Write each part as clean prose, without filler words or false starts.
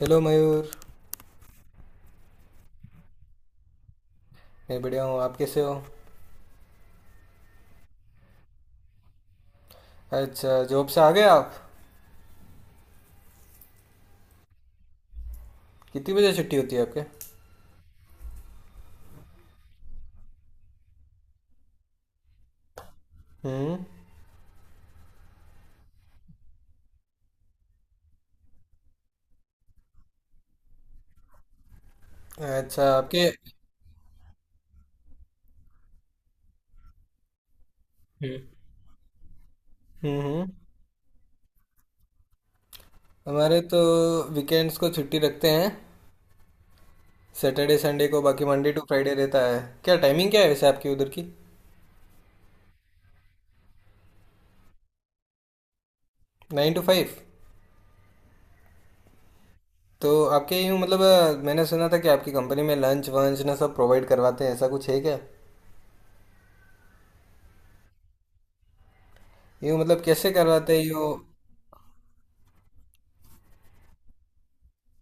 Hello Mayur. मैं बढ़िया हूँ। आप कैसे हो? अच्छा, जॉब से आ गए आप? कितनी बजे छुट्टी होती है आपके? हम्म। अच्छा आपके। हम्म, हम्म। हमारे तो वीकेंड्स को छुट्टी रखते हैं, सैटरडे संडे को। बाकी मंडे टू फ्राइडे रहता है। क्या टाइमिंग क्या है वैसे आपकी उधर की? 9 to 5? तो आपके यूँ मतलब, मैंने सुना था कि आपकी कंपनी में लंच वंच ना सब प्रोवाइड करवाते हैं, ऐसा कुछ है क्या? यूँ मतलब कैसे करवाते हैं यूँ?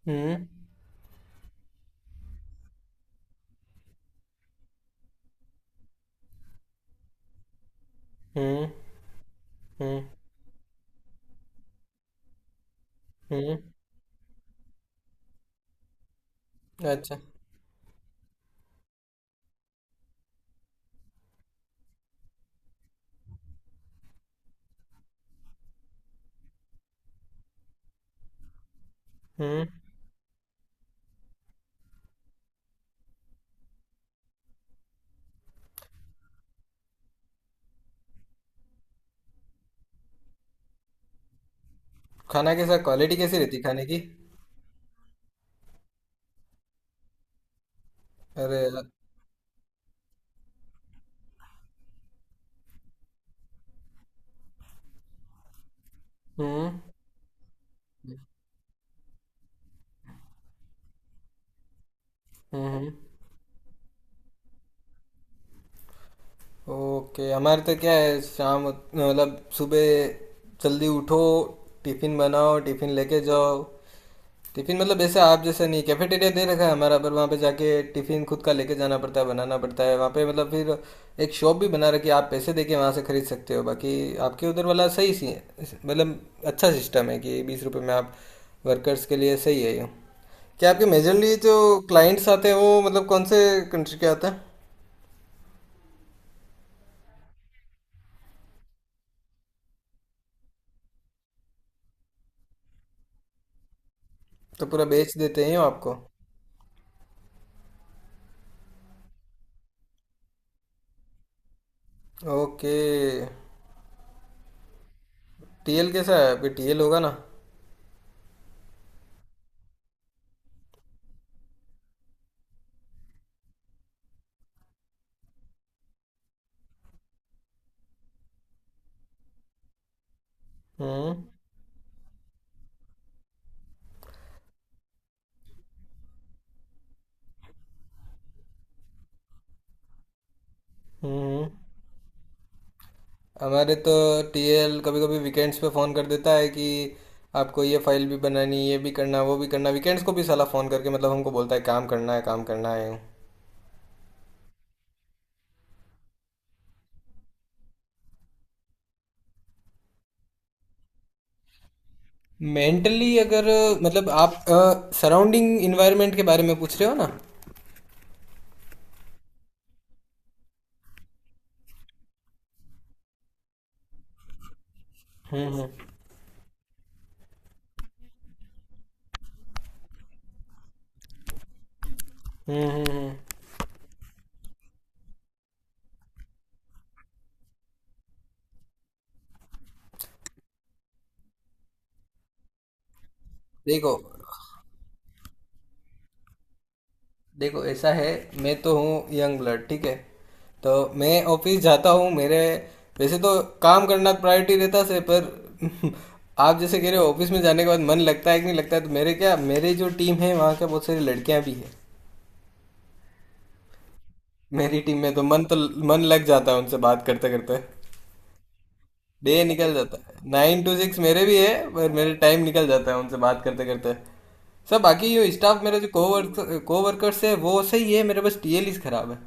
हम्म। हम्म। हम्म। हम्म। अच्छा। हम्म। खाना कैसा? क्वालिटी कैसी रहती खाने की? अरे। हम्म। हम्म। हम्म। ओके। हमारे तो क्या है, शाम मतलब सुबह जल्दी उठो, टिफिन बनाओ, टिफिन लेके जाओ। टिफिन मतलब ऐसे आप जैसा नहीं कैफेटेरिया दे रखा है हमारा, पर वहाँ पे जाके टिफिन खुद का लेके जाना पड़ता है, बनाना पड़ता है वहाँ पे। मतलब फिर एक शॉप भी बना रखी है, आप पैसे देके वहाँ से खरीद सकते हो। बाकी आपके उधर वाला सही सी है, मतलब अच्छा सिस्टम है कि 20 रुपए में आप। वर्कर्स के लिए सही है ये। क्या आपके मेजरली जो क्लाइंट्स आते हैं वो मतलब कौन से कंट्री के आते हैं? तो पूरा बेच देते हैं वो आपको? ओके। टीएल कैसा है आपके? टीएल होगा ना? हम्म, हम्म। हमारे तो टीएल कभी कभी वीकेंड्स पे फ़ोन कर देता है कि आपको ये फाइल भी बनानी, ये भी करना, वो भी करना। वीकेंड्स को भी साला फ़ोन करके मतलब हमको बोलता है काम करना है, काम करना है। मेंटली अगर मतलब आप सराउंडिंग इन्वायरमेंट के बारे में पूछ रहे हो ना? हम्म। हम्म। हम्म। हम्म। हम्म। देखो, देखो ऐसा है, मैं तो हूँ यंग ब्लड। ठीक है, तो मैं ऑफिस जाता हूँ मेरे वैसे तो काम करना प्रायोरिटी रहता से पर आप जैसे कह रहे हो ऑफिस में जाने के बाद मन लगता है कि नहीं लगता है, तो मेरे क्या, मेरे जो टीम है वहाँ क्या बहुत सारी लड़कियाँ भी है। मेरी टीम में तो मन लग जाता है उनसे बात करते करते। डे निकल जाता है, 9 to 6 मेरे भी है, पर मेरे टाइम निकल जाता है उनसे बात करते करते। सब बाकी जो स्टाफ मेरे जो कोवर्कर्स है वो सही है। मेरे बस टीएलईस खराब है।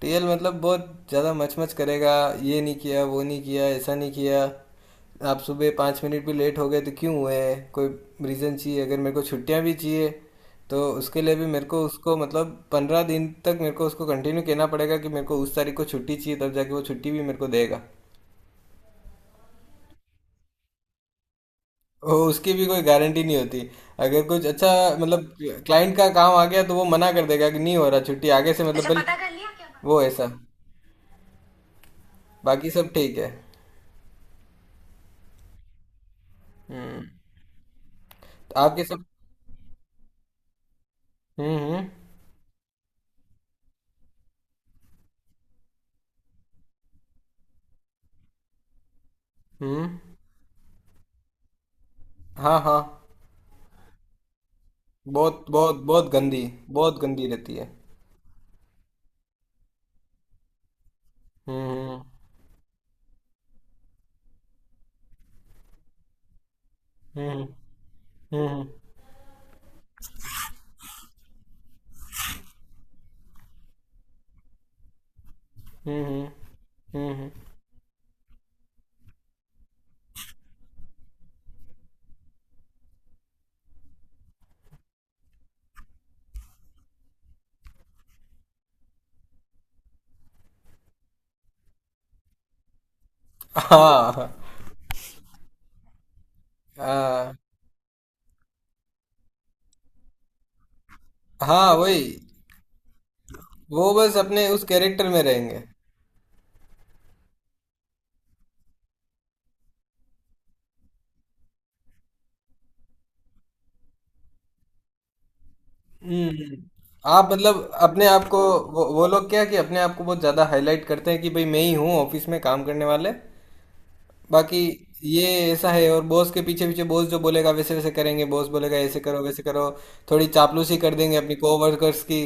टीएल मतलब बहुत ज़्यादा मचमच करेगा। ये नहीं किया, वो नहीं किया, ऐसा नहीं किया। आप सुबह 5 मिनट भी लेट हो गए तो क्यों हुए, कोई रीज़न चाहिए। अगर मेरे को छुट्टियां भी चाहिए तो उसके लिए भी मेरे को उसको मतलब 15 दिन तक मेरे को उसको कंटिन्यू कहना पड़ेगा कि मेरे को उस तारीख को छुट्टी चाहिए, तब जाके वो छुट्टी भी मेरे को देगा। वो उसकी भी कोई गारंटी नहीं होती। अगर कुछ अच्छा मतलब क्लाइंट का काम आ गया तो वो मना कर देगा कि नहीं हो रहा छुट्टी आगे से, मतलब अच्छा भले, पता कर लिया क्या बात वो ऐसा। बाकी सब ठीक है। हम्म। तो आपके सब। हम्म। हम्म। हम्म। हाँ, हाँ। बहुत बहुत बहुत गंदी। बहुत गंदी रहती है। हम्म। हम्म। हम्म। हम्म। हम्म। हाँ, हाँ, हाँ। वही। वो बस अपने उस कैरेक्टर में रहेंगे। हम्म। आप मतलब अपने आप को, वो लोग क्या कि अपने आप को बहुत ज़्यादा हाईलाइट करते हैं कि भाई मैं ही हूँ ऑफिस में काम करने वाले। बाकी ये ऐसा है, और बॉस के पीछे पीछे बॉस जो बोलेगा वैसे वैसे करेंगे। बॉस बोलेगा ऐसे करो वैसे करो, थोड़ी चापलूसी कर देंगे अपनी कोवर्कर्स की।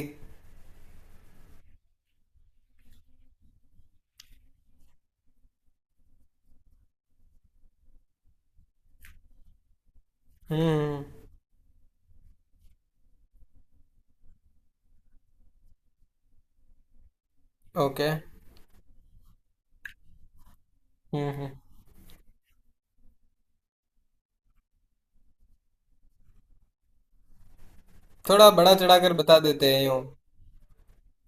हम्म। ओके। हम्म। हम्म। थोड़ा बड़ा चढ़ा कर बता देते हैं यूँ,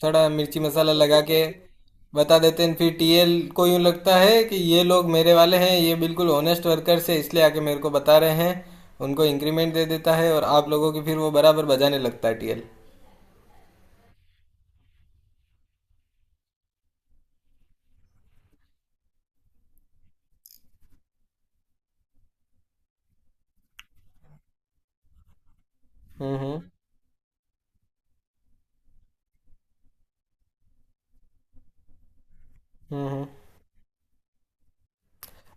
थोड़ा मिर्ची मसाला लगा के। बता देते हैं फिर टीएल को, यूँ लगता है कि ये लोग मेरे वाले हैं, ये बिल्कुल ऑनेस्ट वर्कर्स है, इसलिए आके मेरे को बता रहे हैं। उनको इंक्रीमेंट दे देता है, और आप लोगों की फिर वो बराबर बजाने लगता है टीएल। हम्म। हम्म। हम्म। हम्म।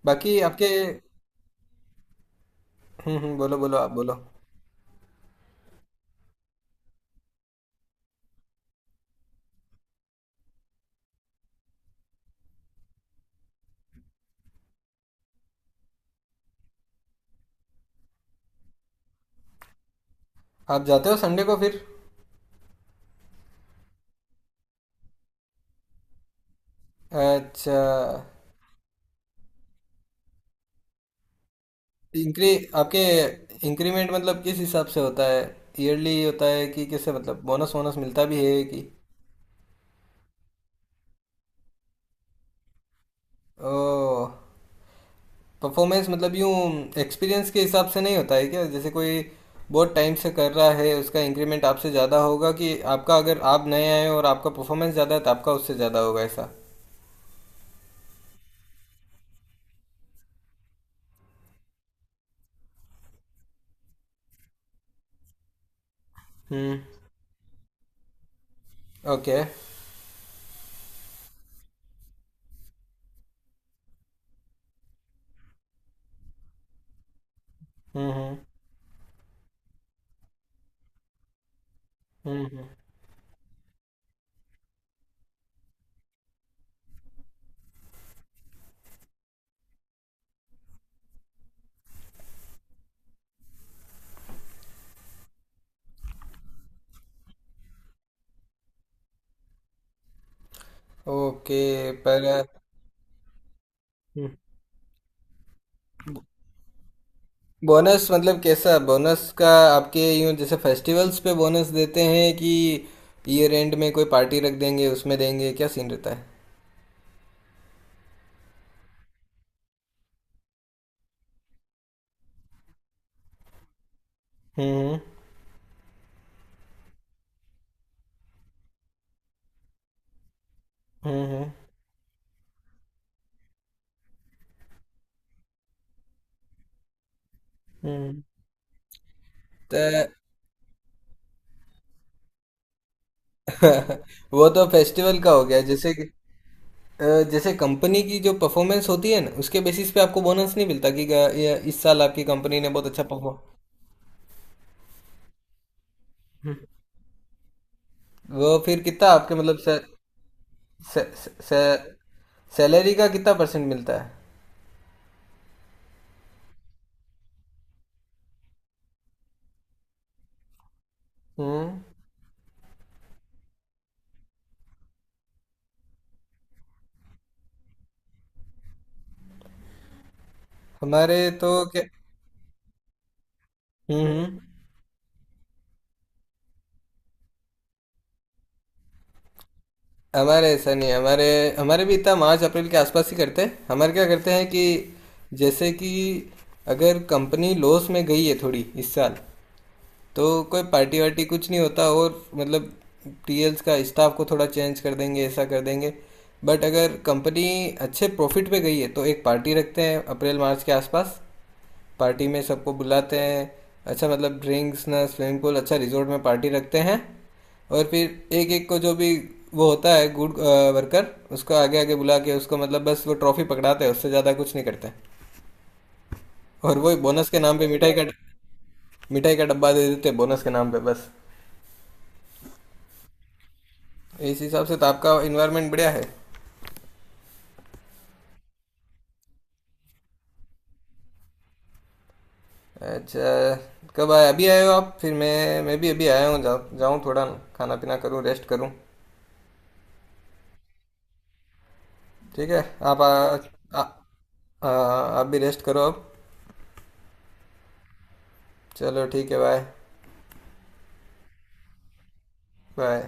बाकी आपके। हम्म, बोलो बोलो आप बोलो। आप जाते हो संडे को फिर? अच्छा। इंक्री आपके इंक्रीमेंट मतलब किस हिसाब से होता है? ईयरली होता है कि कैसे? मतलब बोनस वोनस मिलता भी है कि? ओ। परफॉर्मेंस मतलब यूँ एक्सपीरियंस के हिसाब से नहीं होता है क्या? जैसे कोई बहुत टाइम से कर रहा है उसका इंक्रीमेंट आपसे ज़्यादा होगा कि आपका, अगर आप नए आए हो और आपका परफॉर्मेंस ज़्यादा है तो आपका उससे ज़्यादा होगा ऐसा? हम्म। ओके। हम्म। हम्म। हम्म। हम्म। ओके पर। बोनस मतलब कैसा बोनस का, आपके यूं जैसे फेस्टिवल्स पे बोनस देते हैं कि ईयर एंड में कोई पार्टी रख देंगे उसमें देंगे? क्या सीन रहता है? हम्म। हम्म। हम्म। हम्म। तो वो तो फेस्टिवल का हो गया। जैसे कि- जैसे कंपनी की जो परफॉर्मेंस होती है ना उसके बेसिस पे आपको बोनस नहीं मिलता कि गा- ये इस साल आपकी कंपनी ने बहुत अच्छा परफॉर्म। वो फिर कितना आपके मतलब से, से, से, सैलरी का कितना परसेंट मिलता है? हम्म। हमारे तो क्या। हम्म। हम्म। हमारे ऐसा नहीं, हमारे हमारे भी इतना मार्च अप्रैल के आसपास ही करते हैं। हमारे क्या करते हैं कि जैसे कि अगर कंपनी लॉस में गई है थोड़ी इस साल, तो कोई पार्टी वार्टी कुछ नहीं होता, और मतलब टीएल्स का स्टाफ को थोड़ा चेंज कर देंगे, ऐसा कर देंगे। बट अगर कंपनी अच्छे प्रॉफिट पे गई है तो एक पार्टी रखते हैं अप्रैल मार्च के आसपास। पार्टी में सबको बुलाते हैं, अच्छा मतलब ड्रिंक्स ना, स्विमिंग पूल, अच्छा रिजॉर्ट में पार्टी रखते हैं। और फिर एक एक को जो भी वो होता है गुड वर्कर उसको आगे आगे बुला के उसको मतलब बस वो ट्रॉफी पकड़ाते हैं, उससे ज़्यादा कुछ नहीं करते। और वही बोनस के नाम पे मिठाई का डब्बा दे देते हैं बोनस के नाम पे बस। इस हिसाब से तो आपका इन्वायरमेंट बढ़िया है। अच्छा। कब आए? अभी आए हो आप? फिर मैं भी अभी आया हूँ, जाऊँ थोड़ा खाना पीना करूँ, रेस्ट करूँ। ठीक है। आप आ, आ, आ, आप भी रेस्ट करो अब। चलो ठीक है, बाय। बाय।